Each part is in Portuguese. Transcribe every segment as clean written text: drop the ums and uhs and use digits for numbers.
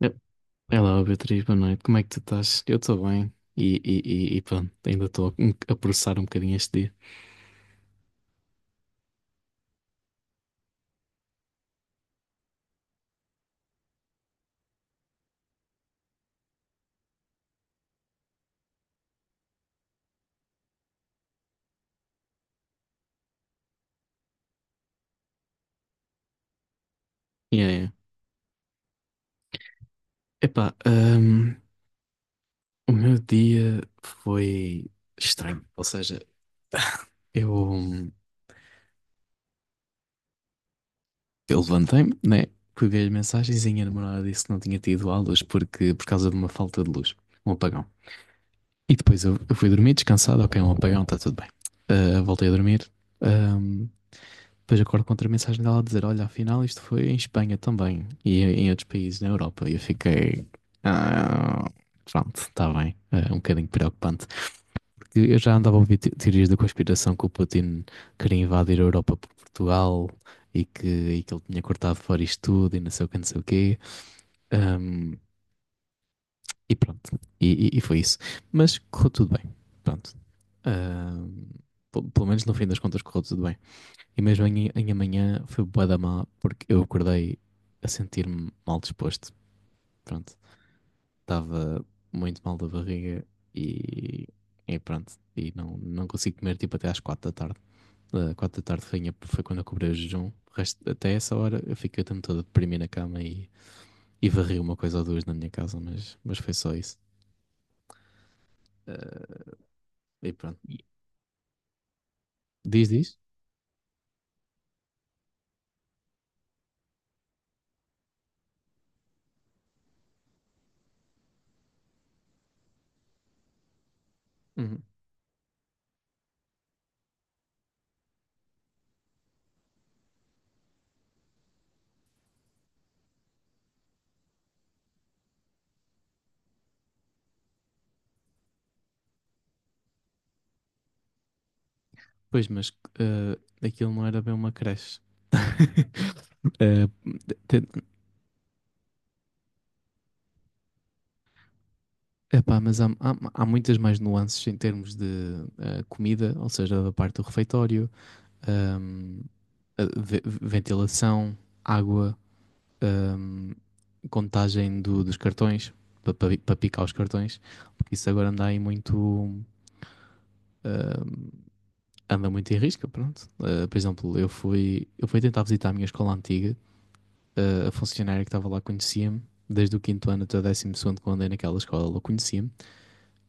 Eh, Olá, Beatriz, boa noite. Como é que tu estás? Eu estou bem e pronto, ainda estou a processar um bocadinho este dia. Yeah, yeah. Epá, o meu dia foi estranho. Ou seja, eu, Eu levantei-me, né? Peguei as mensagens e a minha namorada disse que não tinha tido aulas porque, por causa de uma falta de luz, um apagão. E depois eu fui dormir descansado, ok, um apagão, está tudo bem. Ah, voltei a dormir. ahm, Depois acordo com outra mensagem dela a dizer: Olha, afinal isto foi em Espanha também e em outros países na Europa. E eu fiquei. "Ah, pronto, está bem. Ah, um bocadinho preocupante que eu já andava a ouvir teorias da conspiração que o Putin queria invadir a Europa por Portugal e que, e que ele tinha cortado fora isto tudo e não sei o que, não sei o quê. Ahm, e pronto, e foi isso. Mas correu tudo bem, pronto. Ahm, Pelo menos no fim das contas correu tudo bem. E mesmo em amanhã foi bué da má porque eu acordei a sentir-me mal disposto. Pronto, estava muito mal da barriga e, e pronto. E não consigo comer tipo até às quatro da tarde. Ah, quatro da tarde foi quando eu cobrei o jejum. Até essa hora eu fiquei o tempo todo a deprimir na cama e varri uma coisa ou duas na minha casa, mas foi só isso. Ah, e pronto. Diz, diz? Uhum. Pois, mas ah, aquilo não era bem uma creche. Eh, te- Epá, mas há muitas mais nuances em termos de comida, ou seja, da parte do refeitório, ahm, a ventilação, água, ah, contagem dos cartões, para pa picar os cartões, porque isso agora anda aí muito. ah, Anda muito em risca, pronto. Ah, por exemplo, eu fui tentar visitar a minha escola antiga, a funcionária que estava lá conhecia-me, desde o quinto ano até o décimo segundo, quando andei naquela escola, ela conhecia-me,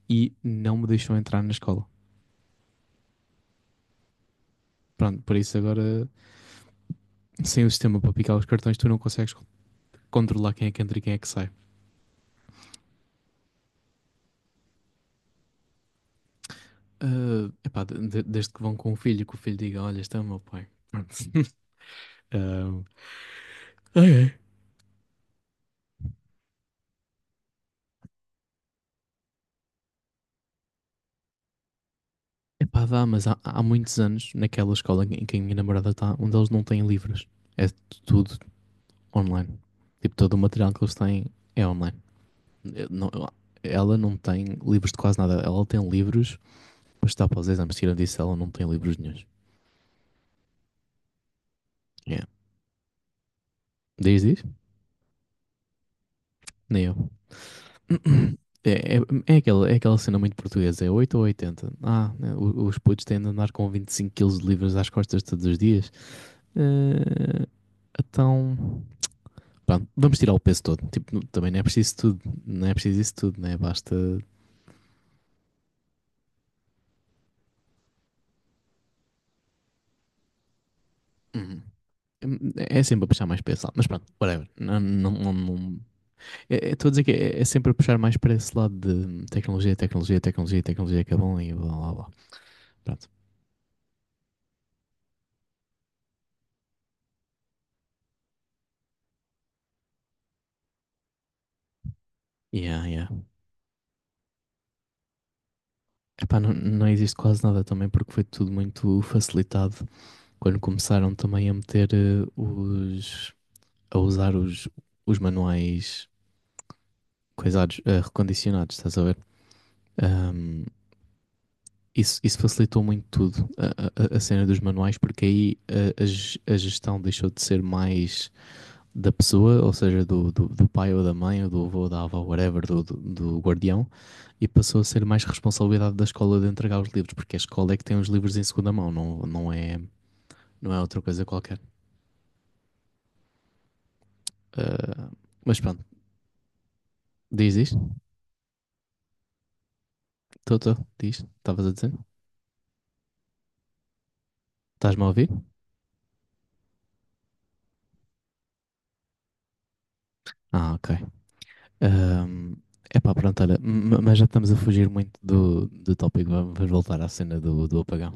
e não me deixou entrar na escola. Pronto, por isso agora, sem o sistema para picar os cartões, tu não consegues controlar quem é que entra e quem é que sai. Ah, epá, desde que vão com o filho, que o filho diga: Olha, este é o meu pai. Pronto. Ah, epá, dá, mas há muitos anos, naquela escola em que a minha namorada está, onde eles não têm livros. É tudo online. Tipo, todo o material que eles têm é online. Eh, não- Ela não tem livros de quase nada. Ela tem livros para estudar para os exames. Tira disso, ela não tem livros nenhuns. Yeah. Diz, diz? Nem eu. É, é, é aquela cena muito portuguesa. É 8 ou 80. Ah, né, os putos têm de andar com 25 quilos de livros às costas todos os dias. Eh, então... Pronto, vamos tirar o peso todo. Tipo, também não é preciso tudo, não é preciso isso tudo, né? Basta. Hum, é sempre a puxar mais para esse lado, mas pronto, whatever. Não, não, não, não. Estou a dizer que é sempre a puxar mais para esse lado de tecnologia, tecnologia, tecnologia, tecnologia, que é bom e blá blá blá. Pronto. Yeah, yeah. Epá, não existe quase nada também porque foi tudo muito facilitado quando começaram também a meter eh, os. A usar os manuais coisados, recondicionados, estás a ver? Ahm, Isso, isso facilitou muito tudo, a cena dos manuais, porque aí a gestão deixou de ser mais da pessoa, ou seja, do pai ou da mãe, ou do avô ou da avó, whatever, do guardião, e passou a ser mais responsabilidade da escola de entregar os livros, porque a escola é que tem os livros em segunda mão, não é, não é outra coisa qualquer. Ah, mas pronto, diz isto, estou, diz, estavas a dizer? Estás-me a ouvir? Ah, ok. É pá, pronto, olha, mas já estamos a fugir muito do tópico, vamos voltar à cena do apagão.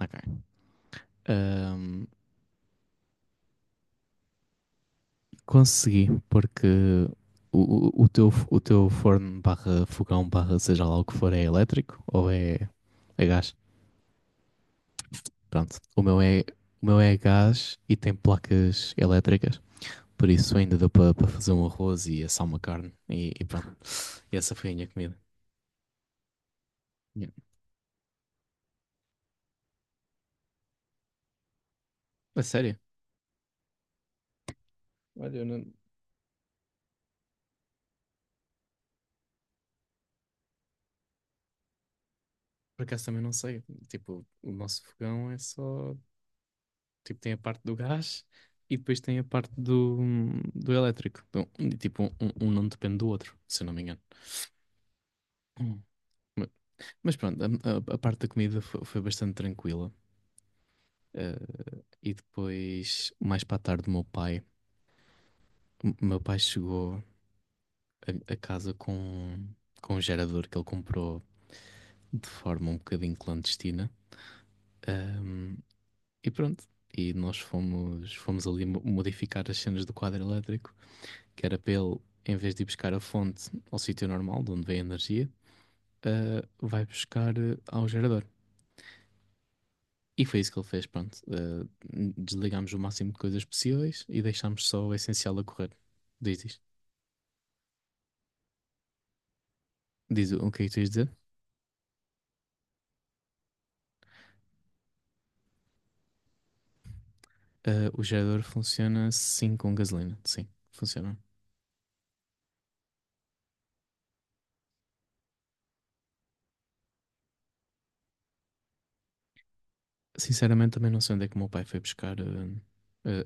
Ok. Ahm, Consegui, porque o teu forno barra fogão barra seja lá o que for é elétrico ou é gás? Pronto, o meu é gás e tem placas elétricas, por isso ainda deu para fazer um arroz e assar uma carne e pronto. E essa foi a minha comida. Yeah. A sério? Olha, eu não. Por acaso também não sei. Tipo, o nosso fogão é só. Tipo, tem a parte do gás e depois tem a parte do elétrico. Então, tipo, um não depende do outro, se eu não me engano. Hum. Ma- Mas pronto, a parte da comida foi bastante tranquila. Eh, e depois, mais para a tarde, O meu pai chegou a casa com um gerador que ele comprou de forma um bocadinho clandestina. Ahm, E pronto. E nós fomos ali modificar as cenas do quadro elétrico, que era para ele, em vez de ir buscar a fonte ao sítio normal, de onde vem a energia, vai buscar ao gerador. E foi isso que ele fez, pronto. Ah, desligámos o máximo de coisas possíveis e deixámos só o essencial a correr. Diz isto. Diz o que é que tu ias dizer? Ah, o gerador funciona sim com gasolina. Sim, funciona. Sinceramente, também não sei onde é que o meu pai foi buscar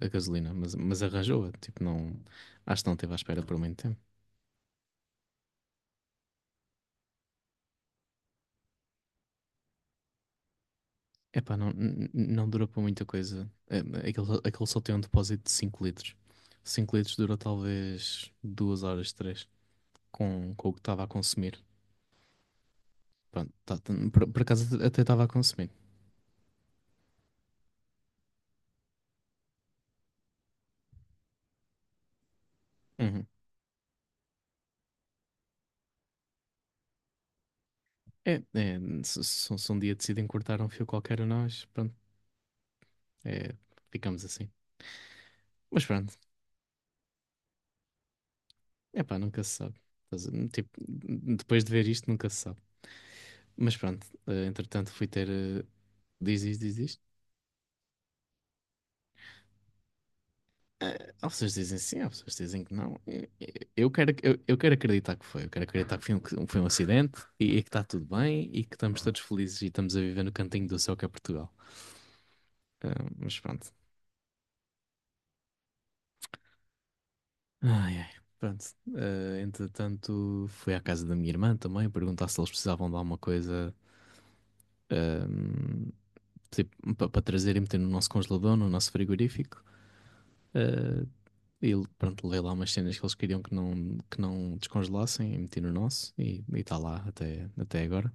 a gasolina, mas arranjou-a. Tipo, não, acho que não esteve à espera por muito tempo. Epá, não durou para muita coisa. Aquele só tem um depósito de 5 litros. 5 litros durou talvez 2 horas, 3 com o que estava a consumir. Pronto, por acaso até estava a consumir. Uhum. É, é, se um dia decidem cortar um fio qualquer a nós, pronto, é, ficamos assim. Mas pronto, epá, nunca se sabe. Tipo, depois de ver isto, nunca se sabe. Mas pronto, entretanto fui ter. Diz isto, diz isto. Há pessoas que dizem sim, há pessoas que dizem que não. Eu quero acreditar que foi. Eu quero acreditar que foi um, acidente e que está tudo bem e que estamos todos felizes e estamos a viver no cantinho do céu que é Portugal. Eh, mas pronto. Ai, ai. Pronto. Entretanto, fui à casa da minha irmã também perguntar se eles precisavam de alguma coisa. eh, Para trazer e meter no nosso congelador, no nosso frigorífico. Eh, e pronto, levei lá umas cenas que eles queriam que não descongelassem e meti no nosso e está lá até agora.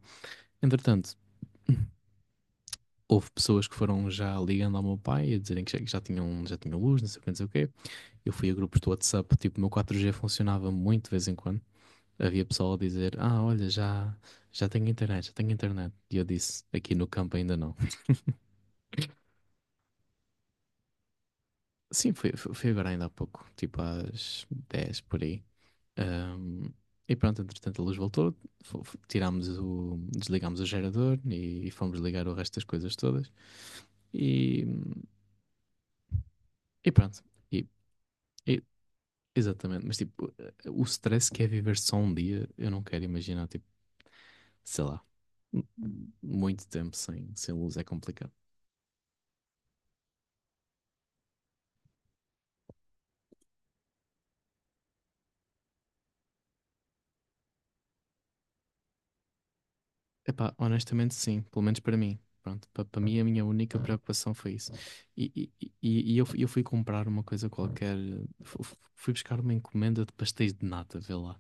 Entretanto, houve pessoas que foram já ligando ao meu pai a dizerem que já tinham luz, não sei o que, não sei o quê. Eu fui a grupos do WhatsApp, tipo, o meu 4G funcionava muito de vez em quando. Havia pessoal a dizer, olha, já tenho internet, já tenho internet. E eu disse, aqui no campo ainda não. Sim, foi agora ainda há pouco, tipo às 10 por aí. Ahm, e pronto, entretanto a luz voltou, desligámos o gerador e fomos ligar o resto das coisas todas e, e pronto. E, e- Exatamente, mas tipo, o stress que é viver só um dia, eu não quero imaginar, tipo, sei lá, m- muito tempo sem luz é complicado. Epá, honestamente sim, pelo menos para mim. Pronto, para mim a minha única preocupação foi isso. E eu fui comprar uma coisa qualquer, fui buscar uma encomenda de pastéis de nata, vê lá.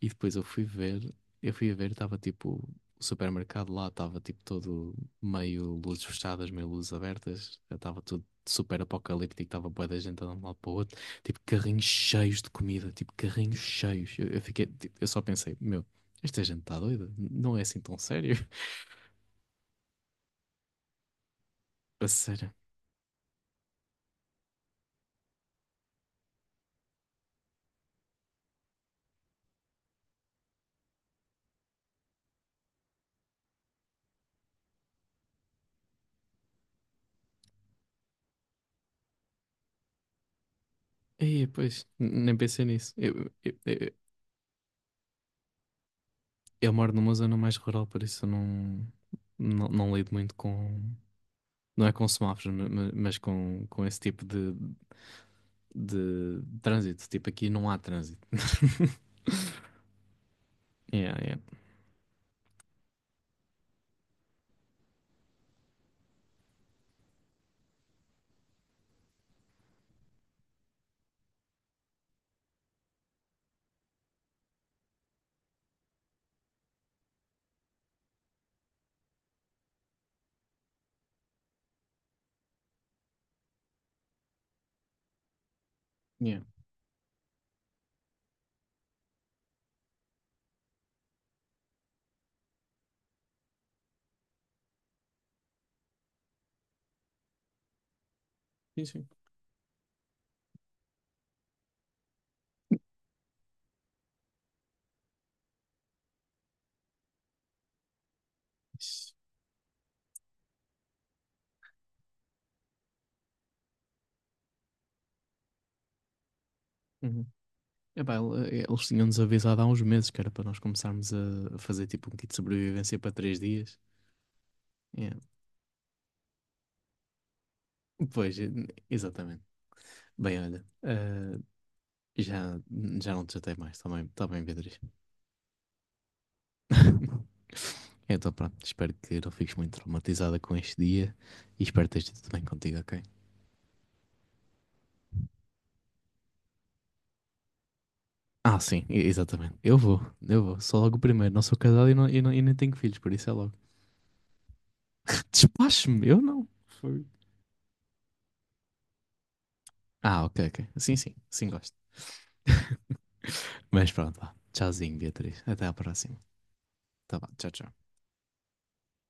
E depois eu fui a ver, estava tipo, o supermercado lá estava tipo todo meio luzes fechadas, meio luzes abertas, estava tudo super apocalíptico, estava bué da gente andando de um lado para o outro, tipo carrinhos cheios de comida, tipo carrinhos cheios. Eu fiquei, tipo, eu só pensei, meu, esta gente está doida, não é assim tão sério, a sério. E pois, nem pensei nisso. Eu moro numa zona mais rural, por isso eu não lido muito com. Não é com semáforos, mas com esse tipo de trânsito. Tipo, aqui não há trânsito. Yeah, yeah, yeah. Sim, sim. Isso. Uhum. Epá, eles tinham-nos avisado há uns meses que era para nós começarmos a fazer tipo um kit de sobrevivência para 3 dias. Yeah. Pois, exatamente. Bem, olha, já, já não te chatei mais, está bem, tá bem, Beatriz. Então, pronto, espero que não fiques muito traumatizada com este dia e espero que esteja tudo bem contigo, ok? Ah, sim, exatamente. Eu vou. Sou logo o primeiro. Não sou casado e nem tenho filhos, por isso é logo. Despache-me, eu não. Foi. Ah, ok, ok. Sim, sim, sim, gosto. Mas pronto, vá. Tchauzinho, Beatriz. Até à próxima. Tá bom, tchau, tchau.